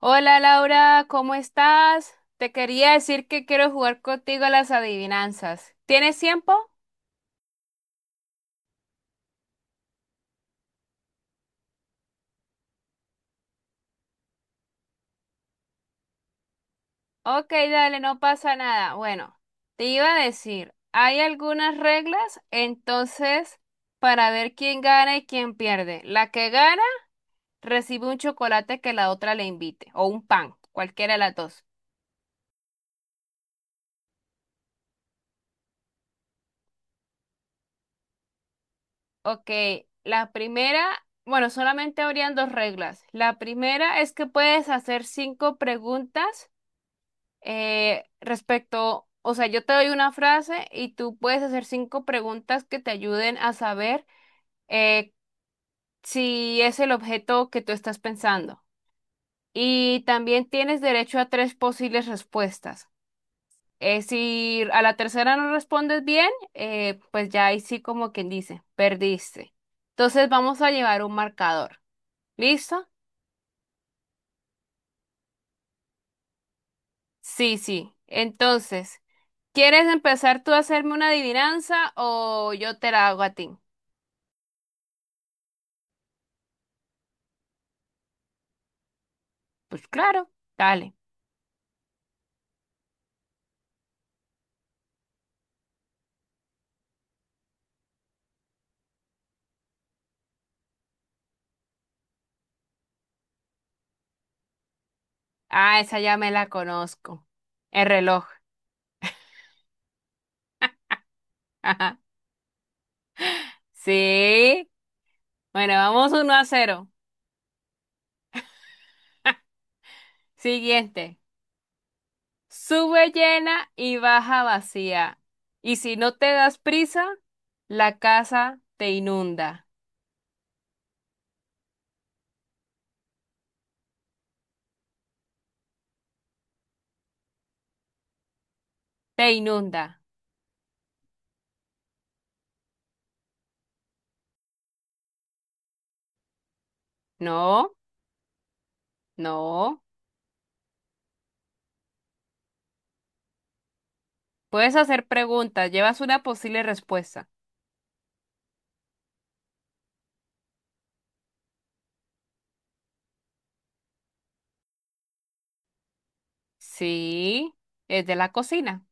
Hola Laura, ¿cómo estás? Te quería decir que quiero jugar contigo a las adivinanzas. ¿Tienes tiempo? Ok, dale, no pasa nada. Bueno, te iba a decir, hay algunas reglas, entonces, para ver quién gana y quién pierde. La que gana recibe un chocolate que la otra le invite, o un pan, cualquiera de las dos. Ok, la primera, bueno, solamente habrían dos reglas. La primera es que puedes hacer cinco preguntas respecto, o sea, yo te doy una frase y tú puedes hacer cinco preguntas que te ayuden a saber eh, si es el objeto que tú estás pensando. Y también tienes derecho a tres posibles respuestas. Si a la tercera no respondes bien, pues ya ahí sí como quien dice, perdiste. Entonces vamos a llevar un marcador. ¿Listo? Sí, sí. Entonces, ¿quieres empezar tú a hacerme una adivinanza o yo te la hago a ti? Pues claro, dale. Ah, esa ya me la conozco. El reloj. Ajá. Sí. Bueno, vamos uno a cero. Siguiente. Sube llena y baja vacía. Y si no te das prisa, la casa te inunda. Te inunda. No, no. Puedes hacer preguntas. Llevas una posible respuesta. Sí. Es de la cocina.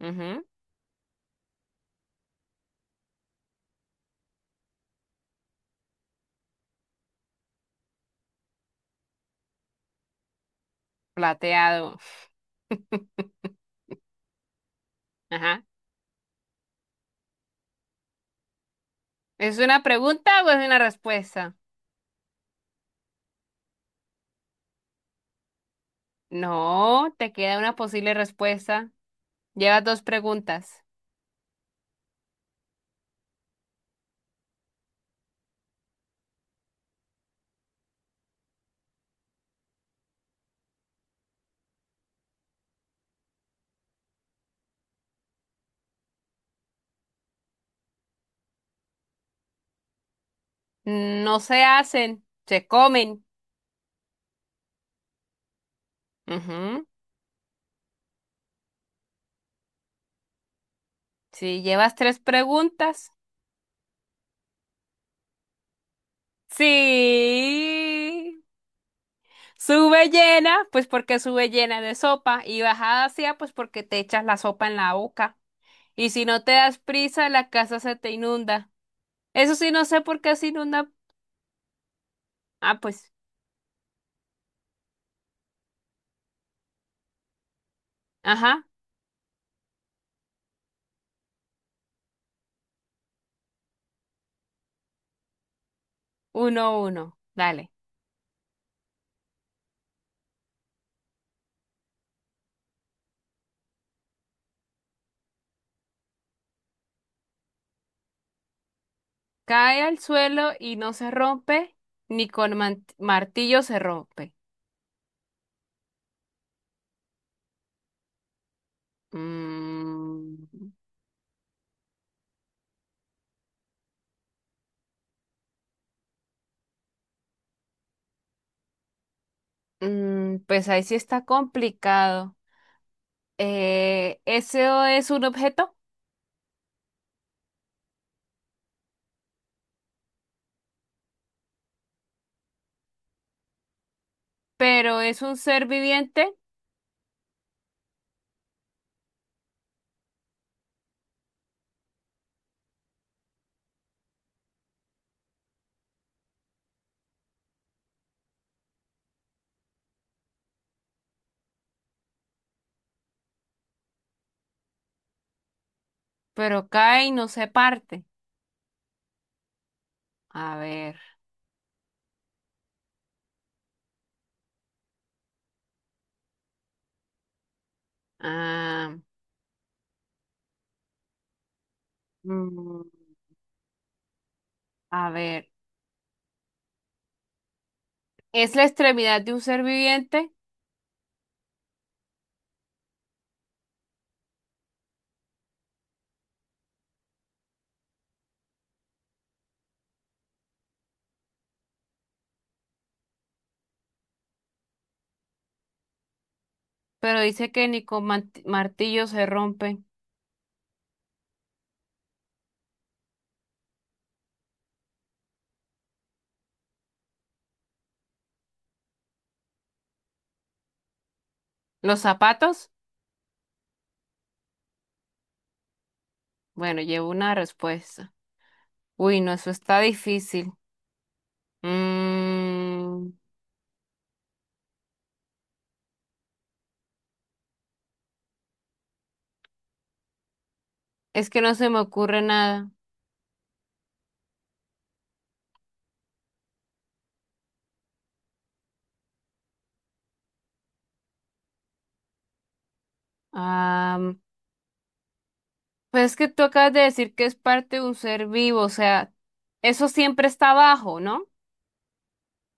Ujú. Plateado. Ajá. ¿Es una pregunta o es una respuesta? No, te queda una posible respuesta. Llevas dos preguntas. No se hacen, se comen. Ujú. Si llevas tres preguntas. Sí. Sube llena, pues porque sube llena de sopa. Y bajada hacia, pues porque te echas la sopa en la boca. Y si no te das prisa, la casa se te inunda. Eso sí, no sé por qué se inunda. Ah, pues. Ajá. Uno, uno. Dale. Cae al suelo y no se rompe, ni con martillo se rompe. Mm, pues ahí sí está complicado. Eso es un objeto, pero es un ser viviente, pero cae y no se parte. A ver. ah, mm, a ver. Es la extremidad de un ser viviente, pero dice que ni con martillo se rompe. ¿Los zapatos? Bueno, llevo una respuesta. Uy, no, eso está difícil. Mm, es que no se me ocurre nada. Ah, pues es que tú acabas de decir que es parte de un ser vivo, o sea, eso siempre está abajo, ¿no?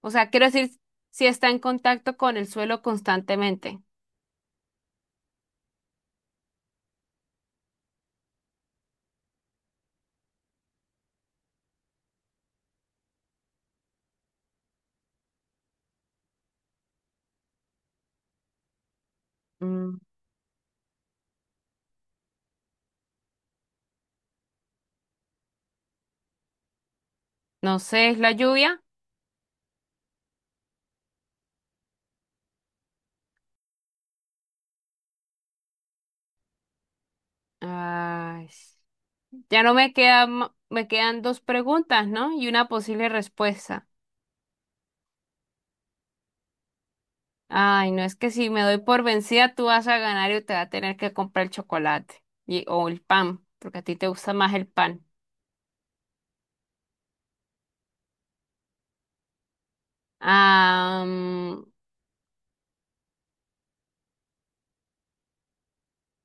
O sea, quiero decir, si está en contacto con el suelo constantemente. Mm, no sé, ¿es la lluvia? Ay, ya no me queda, me quedan dos preguntas, ¿no? Y una posible respuesta. Ay, no, es que si me doy por vencida, tú vas a ganar y te va a tener que comprar el chocolate y, o el pan, porque a ti te gusta más el pan. Ah, mm,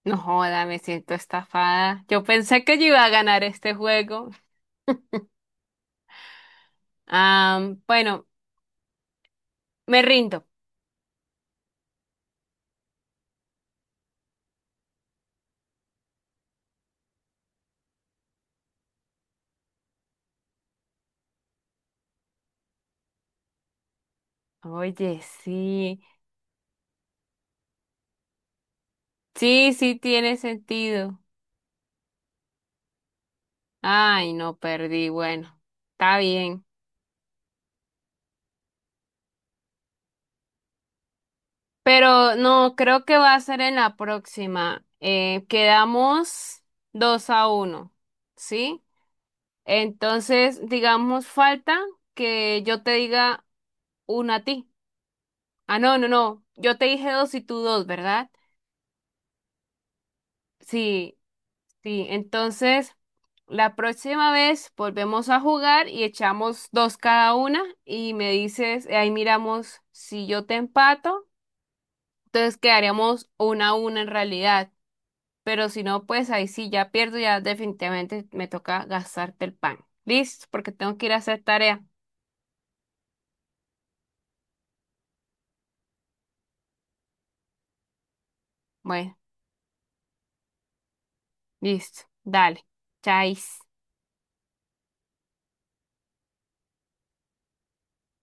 no joda, me siento estafada. Yo pensé que yo iba a ganar este juego. Bueno, me rindo. Oye, sí, sí, sí tiene sentido. Ay, no perdí. Bueno, está bien. Pero no, creo que va a ser en la próxima. Quedamos 2 a uno, ¿sí? Entonces, digamos, falta que yo te diga una a ti. Ah, no, no, no. Yo te dije dos y tú dos, ¿verdad? Sí, sí. Entonces, la próxima vez volvemos a jugar y echamos dos cada una y me dices, ahí miramos si yo te empato. Entonces quedaríamos una a una en realidad. Pero si no, pues ahí sí ya pierdo, ya definitivamente me toca gastarte el pan. Listo, porque tengo que ir a hacer tarea. Bueno, listo. Dale. Chais.